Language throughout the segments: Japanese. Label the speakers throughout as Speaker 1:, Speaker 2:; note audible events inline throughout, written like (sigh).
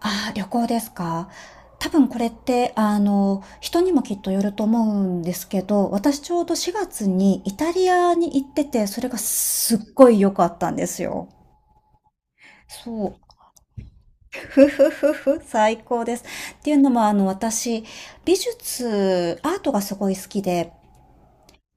Speaker 1: ああ、旅行ですか。多分これって、人にもきっとよると思うんですけど、私ちょうど4月にイタリアに行ってて、それがすっごい良かったんですよ。そう。ふふふふ、最高です。っていうのも、私、美術、アートがすごい好きで、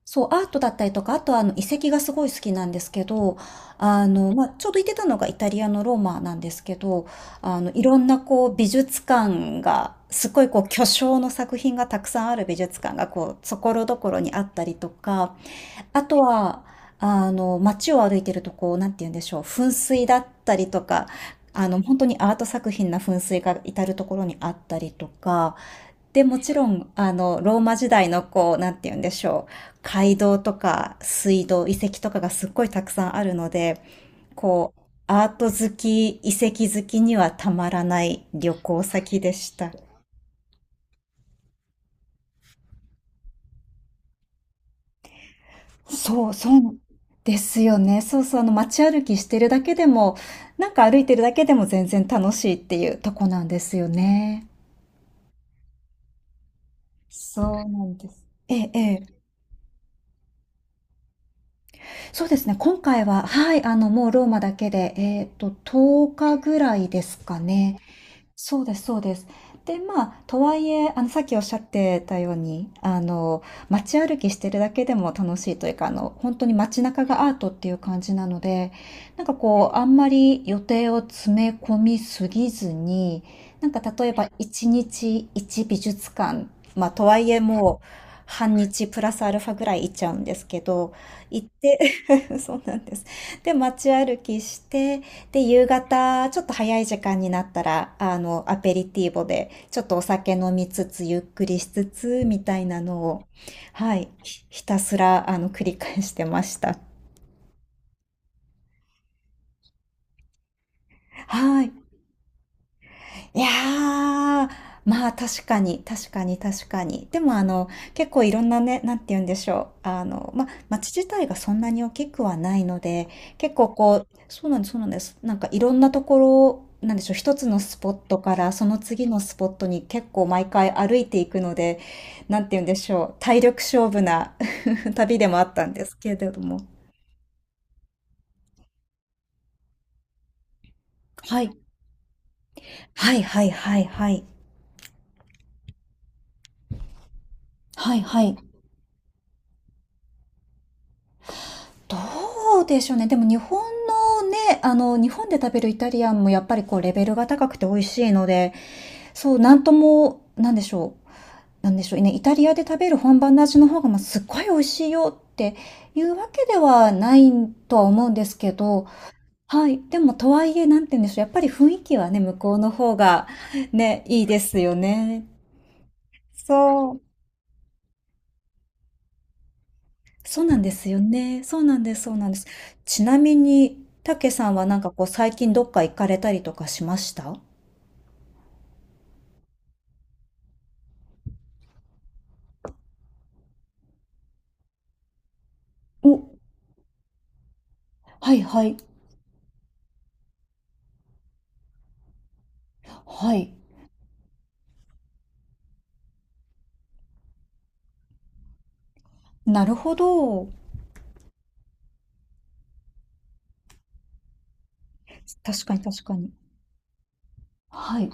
Speaker 1: そう、アートだったりとか、あとはあの遺跡がすごい好きなんですけど、ちょうど行ってたのがイタリアのローマなんですけど、いろんなこう美術館が、すごいこう巨匠の作品がたくさんある美術館がこう、所々にあったりとか、あとは、街を歩いてるとこう、なんて言うんでしょう、噴水だったりとか、本当にアート作品な噴水が至るところにあったりとか、で、もちろん、ローマ時代のこう、なんて言うんでしょう。街道とか水道、遺跡とかがすっごいたくさんあるので、こう、アート好き、遺跡好きにはたまらない旅行先でした。そう、そうですよね。そうそう、街歩きしてるだけでも、なんか歩いてるだけでも全然楽しいっていうとこなんですよね。そうなんです。ええ、ええ。そうですね、今回は、はい、もうローマだけで、10日ぐらいですかね。そうですそうです。で、まあ、とはいえ、さっきおっしゃってたように、街歩きしてるだけでも楽しいというか、本当に街中がアートっていう感じなので、なんかこう、あんまり予定を詰め込みすぎずに、なんか例えば1日1美術館、まあ、とはいえもう、半日プラスアルファぐらい行っちゃうんですけど、行って (laughs) そうなんです。で、街歩きして、で、夕方、ちょっと早い時間になったら、アペリティーボで、ちょっとお酒飲みつつ、ゆっくりしつつ、みたいなのを、はい、ひたすら、繰り返してました。はい。いやー、まあ確かに、確かに。でもあの、結構いろんなね、なんて言うんでしょう。まあ街自体がそんなに大きくはないので、結構こう、そうなんです。なんかいろんなところ、なんでしょう、一つのスポットからその次のスポットに結構毎回歩いていくので、なんて言うんでしょう、体力勝負な (laughs) 旅でもあったんですけれども。はい。はいはいはいはい。はいはい。どうでしょうね。でも日本のね、日本で食べるイタリアンもやっぱりこうレベルが高くて美味しいので、そう、なんとも、なんでしょう。なんでしょうね。イタリアで食べる本場の味の方が、まあ、すっごい美味しいよっていうわけではないとは思うんですけど、はい。でも、とはいえ、なんて言うんでしょう。やっぱり雰囲気はね、向こうの方がね、いいですよね。そう。そうなんですよね。そうなんです。ちなみに、たけさんはなんかこう最近どっか行かれたりとかしました？お、はいはい。はい。なるほど。確かに確かに。はい。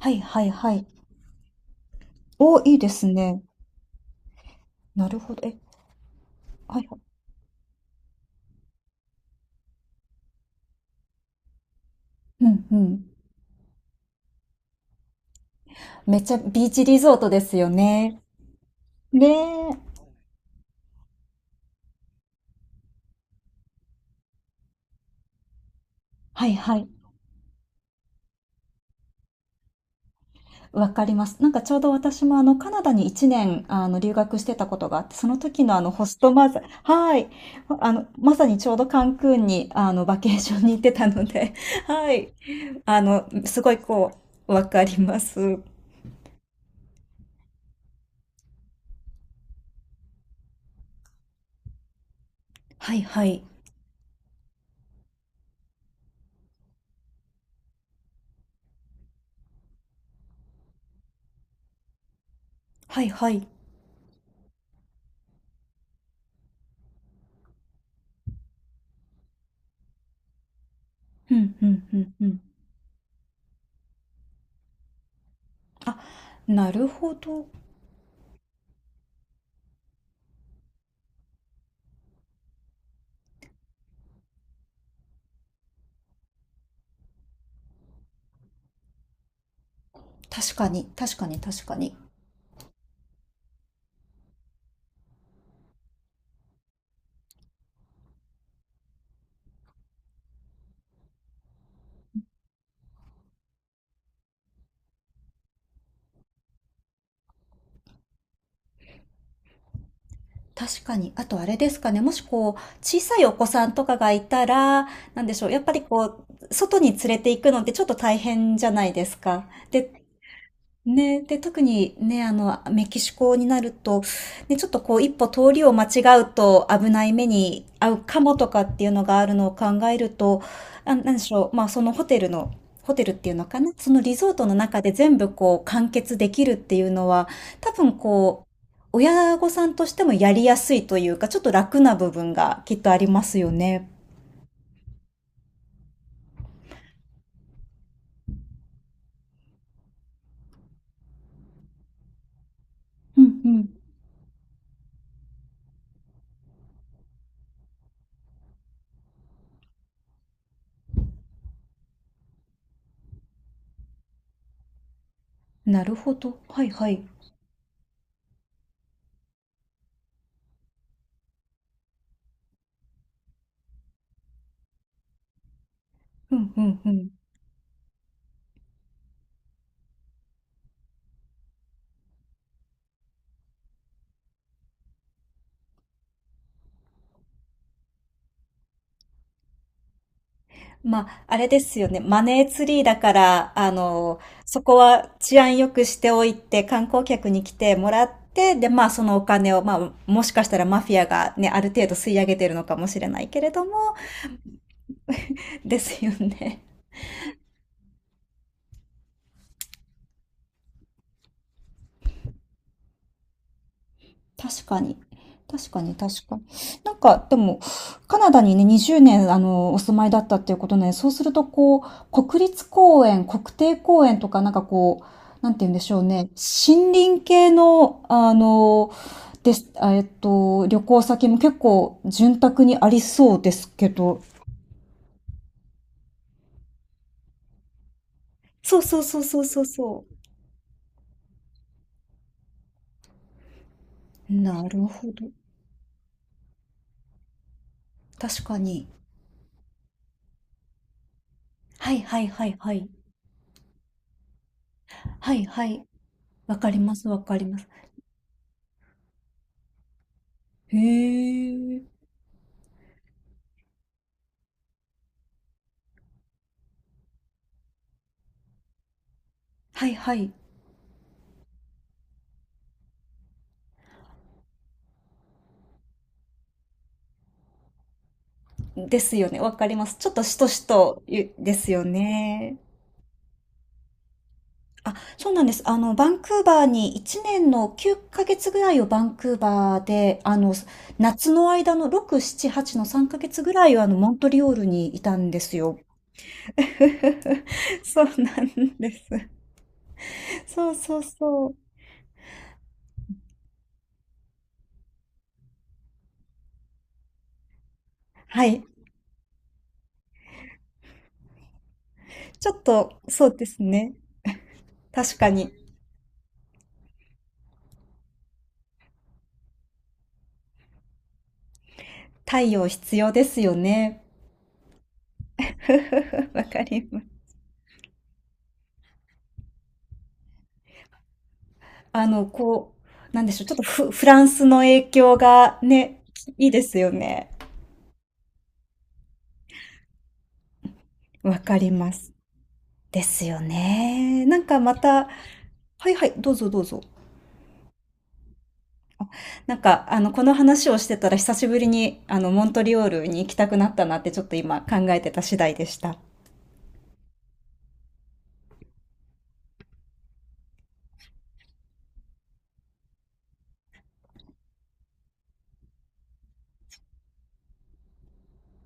Speaker 1: はいはいはい。お、いいですね。なるほど。え、はいはい。うんうん。めっちゃビーチリゾートですよね。ねえ。はいはい。わかります。なんかちょうど私もあのカナダに1年あの留学してたことがあって、その時のあのホストマザー、はい。まさにちょうどカンクンにあのバケーションに行ってたので、(laughs) はい。あの、すごいこう、わかります。はいはい。はいはい。うんうんうんうん。あ、なるほど。確かに、確かに確かに。確かに。あとあれですかね、もしこう、小さいお子さんとかがいたら、なんでしょう、やっぱりこう、外に連れて行くのってちょっと大変じゃないですか。で、ね、で、特にね、メキシコになると、ね、ちょっとこう、一歩通りを間違うと危ない目に遭うかもとかっていうのがあるのを考えると、あ、なんでしょう、まあ、そのホテルの、ホテルっていうのかな、そのリゾートの中で全部こう、完結できるっていうのは、多分こう、親御さんとしてもやりやすいというか、ちょっと楽な部分がきっとありますよね。うんうん。なるほど。はいはい。うんうんうん。まあ、あれですよね。マネーツリーだから、そこは治安良くしておいて、観光客に来てもらって、で、まあ、そのお金を、まあ、もしかしたらマフィアがね、ある程度吸い上げてるのかもしれないけれども、ですよね。確かに。確かに、確かに。なんか、でも、カナダにね、20年、お住まいだったっていうことね、そうすると、こう、国立公園、国定公園とか、なんかこう、なんて言うんでしょうね、森林系の、あの、です、あえっと、旅行先も結構、潤沢にありそうですけど。そうそうそうそうそうそう。なるほど。確かに。はいはいはいはい。はいはい。わかります、わかります。へえ。はいはい。ですよね。わかります。ちょっとしとしとゆですよね。あ、そうなんです。バンクーバーに1年の9ヶ月ぐらいをバンクーバーで、夏の間の6、7、8の3ヶ月ぐらいはあの、モントリオールにいたんですよ。(laughs) そうなんです。そうそうそう。はい。ちょっと、そうですね。確かに、太陽必要ですよね。(laughs) わかります。あの、こなんでしょう、ちょっとフランスの影響がね、いいですよね。わかります。ですよね。なんかまた、はいはい、どうぞどうぞ。なんか、この話をしてたら久しぶりに、モントリオールに行きたくなったなってちょっと今考えてた次第でした。